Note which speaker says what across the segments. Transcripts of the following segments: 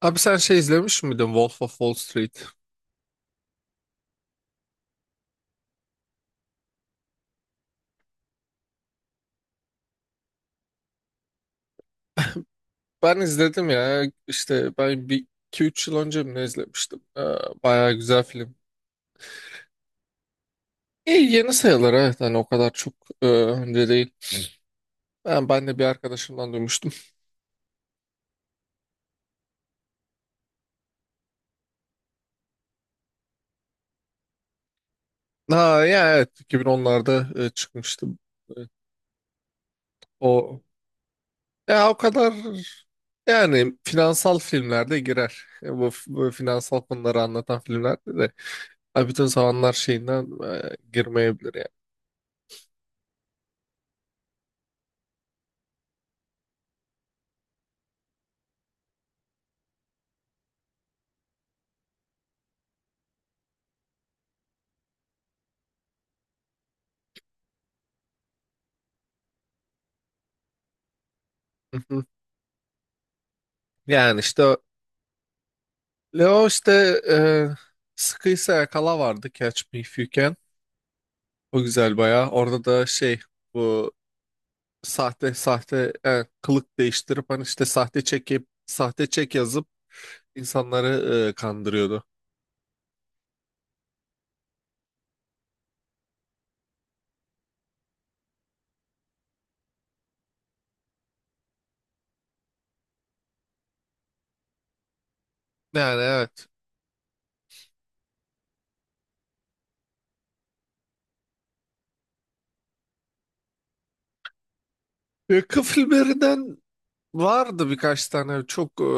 Speaker 1: Abi sen şey izlemiş miydin Wolf of Wall Street? Ben izledim ya işte ben bir iki üç yıl önce mi ne izlemiştim. Bayağı güzel film. İyi yeni sayılır, evet, hani o kadar çok önce değil. Ben de bir arkadaşımdan duymuştum. Ha ya evet 2010'larda çıkmıştı. E, O ya o kadar, yani finansal filmlerde girer. Bu finansal konuları anlatan filmlerde de ha, bütün zamanlar şeyinden girmeyebilir yani. Hı hı. Yani işte Leo işte, e, sıkıysa yakala vardı, Catch Me If You Can. O güzel bayağı. Orada da şey, bu sahte kılık değiştirip hani işte sahte çekip sahte çek yazıp insanları kandırıyordu. Yani evet. Yakın filmlerinden vardı birkaç tane çok,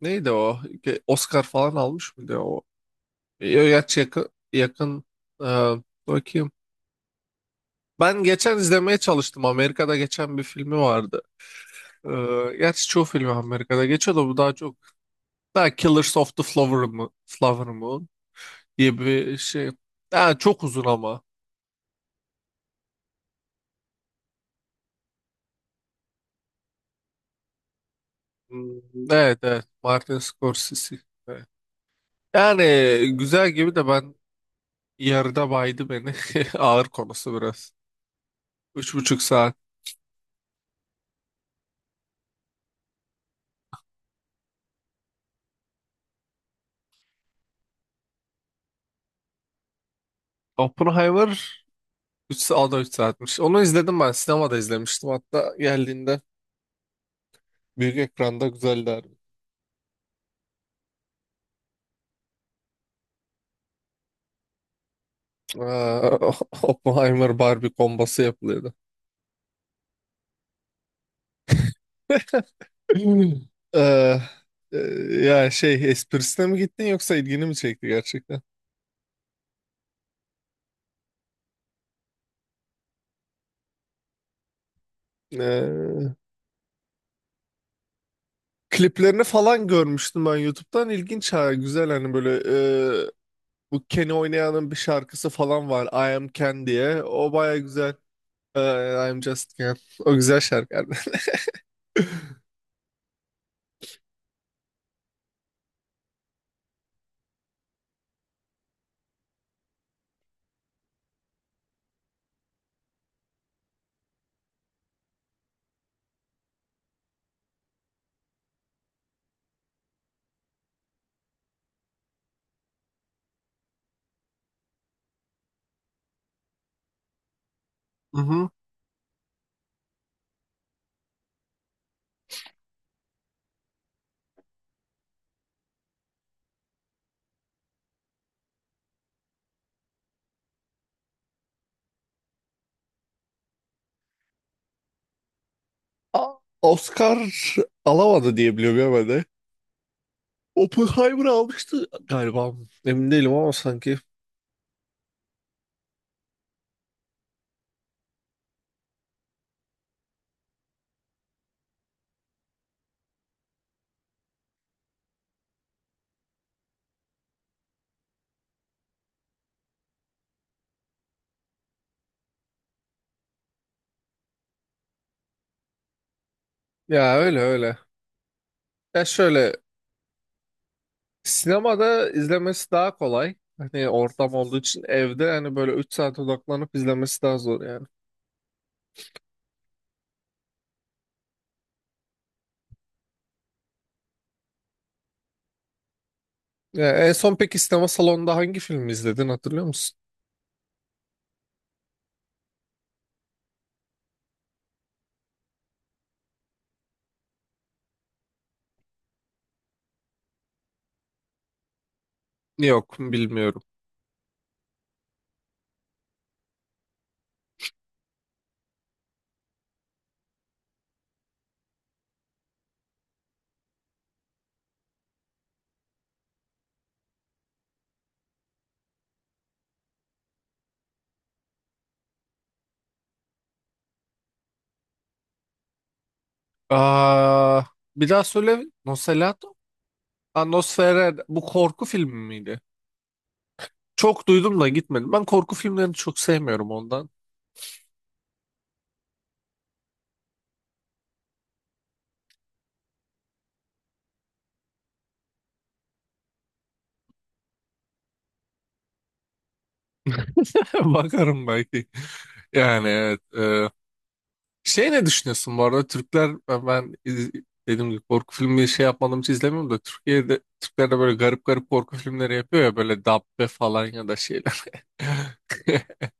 Speaker 1: neydi o? Ge- Oscar falan almış mıydı o? Yaç yakın yakın, e, bakayım. Ben geçen izlemeye çalıştım. Amerika'da geçen bir filmi vardı. Gerçi çoğu film Amerika'da geçiyor da bu daha çok, daha Killers of the Flower Moon, Flower Moon diye bir şey. Yani çok uzun ama. Hmm. Evet evet, Martin Scorsese. Evet. Yani güzel gibi de ben yarıda baydı beni. Ağır konusu biraz. Üç buçuk saat. Oppenheimer 3 saat, 3 saatmiş. Onu izledim ben. Sinemada izlemiştim. Hatta geldiğinde büyük ekranda güzeldi, harbi. Ee, Oppenheimer Barbie kombası yapılıyordu. Ee, e, ya şey esprisine mi gittin yoksa ilgini mi çekti gerçekten? Ee, Kliplerini falan görmüştüm ben YouTube'dan. İlginç ha, güzel hani böyle, e, bu Keni oynayanın bir şarkısı falan var, I Am Ken diye. O baya güzel. I Am Just Ken. O güzel şarkı. Mhm. A- Oscar alamadı diye biliyorum ya ben de. Oppenheimer almıştı galiba. Emin değilim ama sanki. Ya öyle öyle. Ya şöyle, sinemada izlemesi daha kolay. Hani ortam olduğu için evde hani böyle 3 saat odaklanıp izlemesi daha zor yani. Ya en son peki sinema salonunda hangi filmi izledin, hatırlıyor musun? Yok bilmiyorum. Aa, bir daha söyle. Nosferatu? Aa, Nosferatu. Bu korku filmi miydi? Çok duydum da gitmedim. Ben korku filmlerini çok sevmiyorum ondan. Bakarım belki. Yani evet. Şey ne düşünüyorsun bu arada? Türkler, ben iz- dediğim gibi korku filmi şey yapmadığım için izlemiyorum da, Türkiye'de Türkler de böyle garip garip korku filmleri yapıyor ya, böyle Dabbe falan ya da şeyler.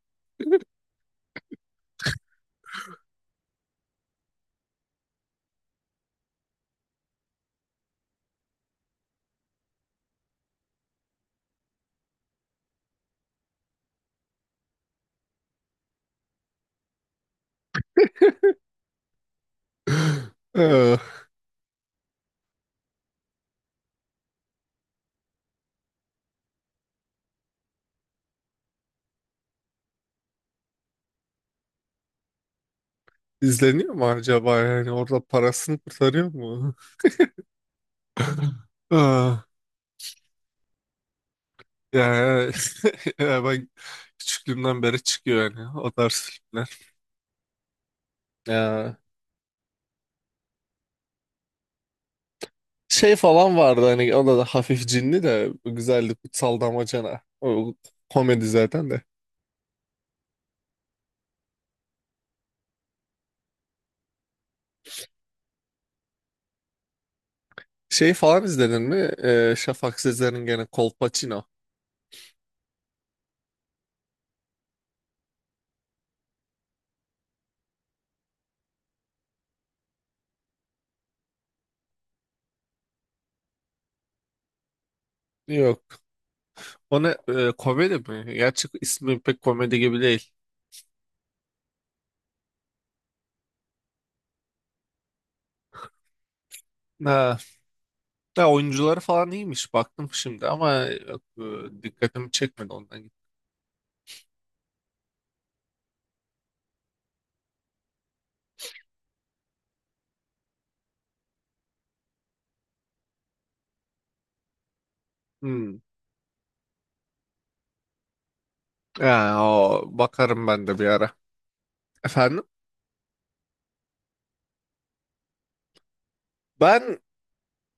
Speaker 1: Ee, İzleniyor mu acaba, yani orada parasını kurtarıyor mu? Ee, Yani, ya ben küçüklüğümden beri çıkıyor yani o tarz filmler. Ya, şey falan vardı hani, o da hafif cinli de güzeldi, Kutsal Damacana. O komedi zaten de. Şey falan izledin mi? Şafak Sezer'in gene Kolpaçino. Yok. O ne, komedi mi? Gerçi ismi pek komedi gibi değil. Ha, ya oyuncuları falan iyiymiş baktım şimdi ama yok, dikkatimi çekmedi ondan. Hmm. Ya, o, bakarım ben de bir ara. Efendim? Ben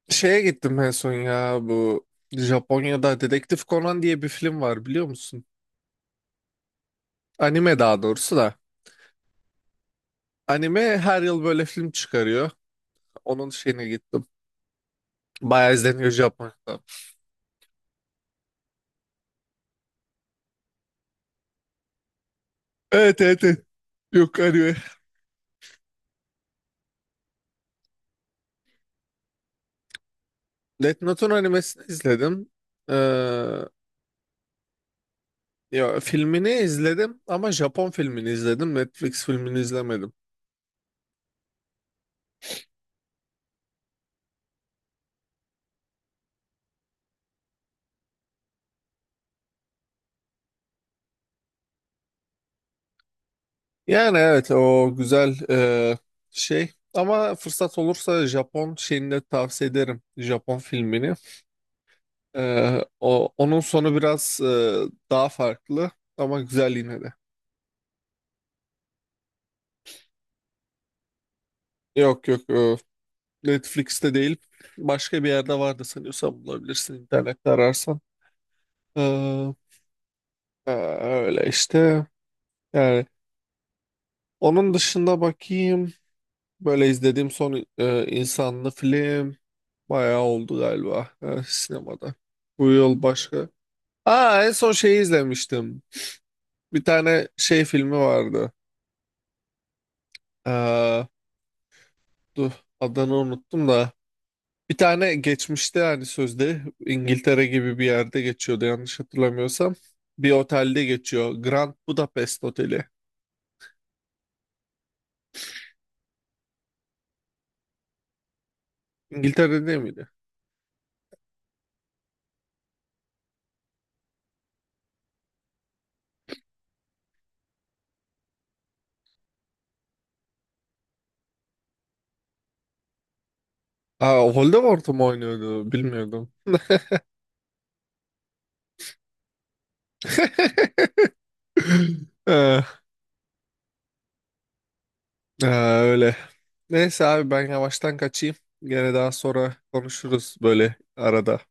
Speaker 1: şeye gittim en son, ya bu Japonya'da Dedektif Conan diye bir film var, biliyor musun? Anime daha doğrusu da. Anime her yıl böyle film çıkarıyor. Onun şeyine gittim. Bayağı izleniyor Japonya'da. Evet evet, evet. Yok, anime. Death Note'un animesini izledim. Ee, ya, filmini izledim ama Japon filmini izledim. Netflix filmini izlemedim. Yani evet o güzel, şey ama fırsat olursa Japon şeyini de tavsiye ederim. Japon filmini. E, o, onun sonu biraz, daha farklı, ama güzel yine de. Yok yok, Netflix'te değil, başka bir yerde vardı sanıyorsam, bulabilirsin internette ararsan. E, e, öyle işte, yani onun dışında bakayım. Böyle izlediğim son insanlı film bayağı oldu galiba sinemada. Bu yıl başka. Aa en son şeyi izlemiştim. Bir tane şey filmi vardı. Ee, dur, adını unuttum da. Bir tane geçmişte hani sözde İngiltere gibi bir yerde geçiyordu yanlış hatırlamıyorsam. Bir otelde geçiyor. Grand Budapest Oteli. İngiltere'de miydi? Aa Voldemort mu oynuyordu? Bilmiyordum. Ee, Ha, öyle. Neyse abi ben yavaştan kaçayım. Gene daha sonra konuşuruz böyle arada.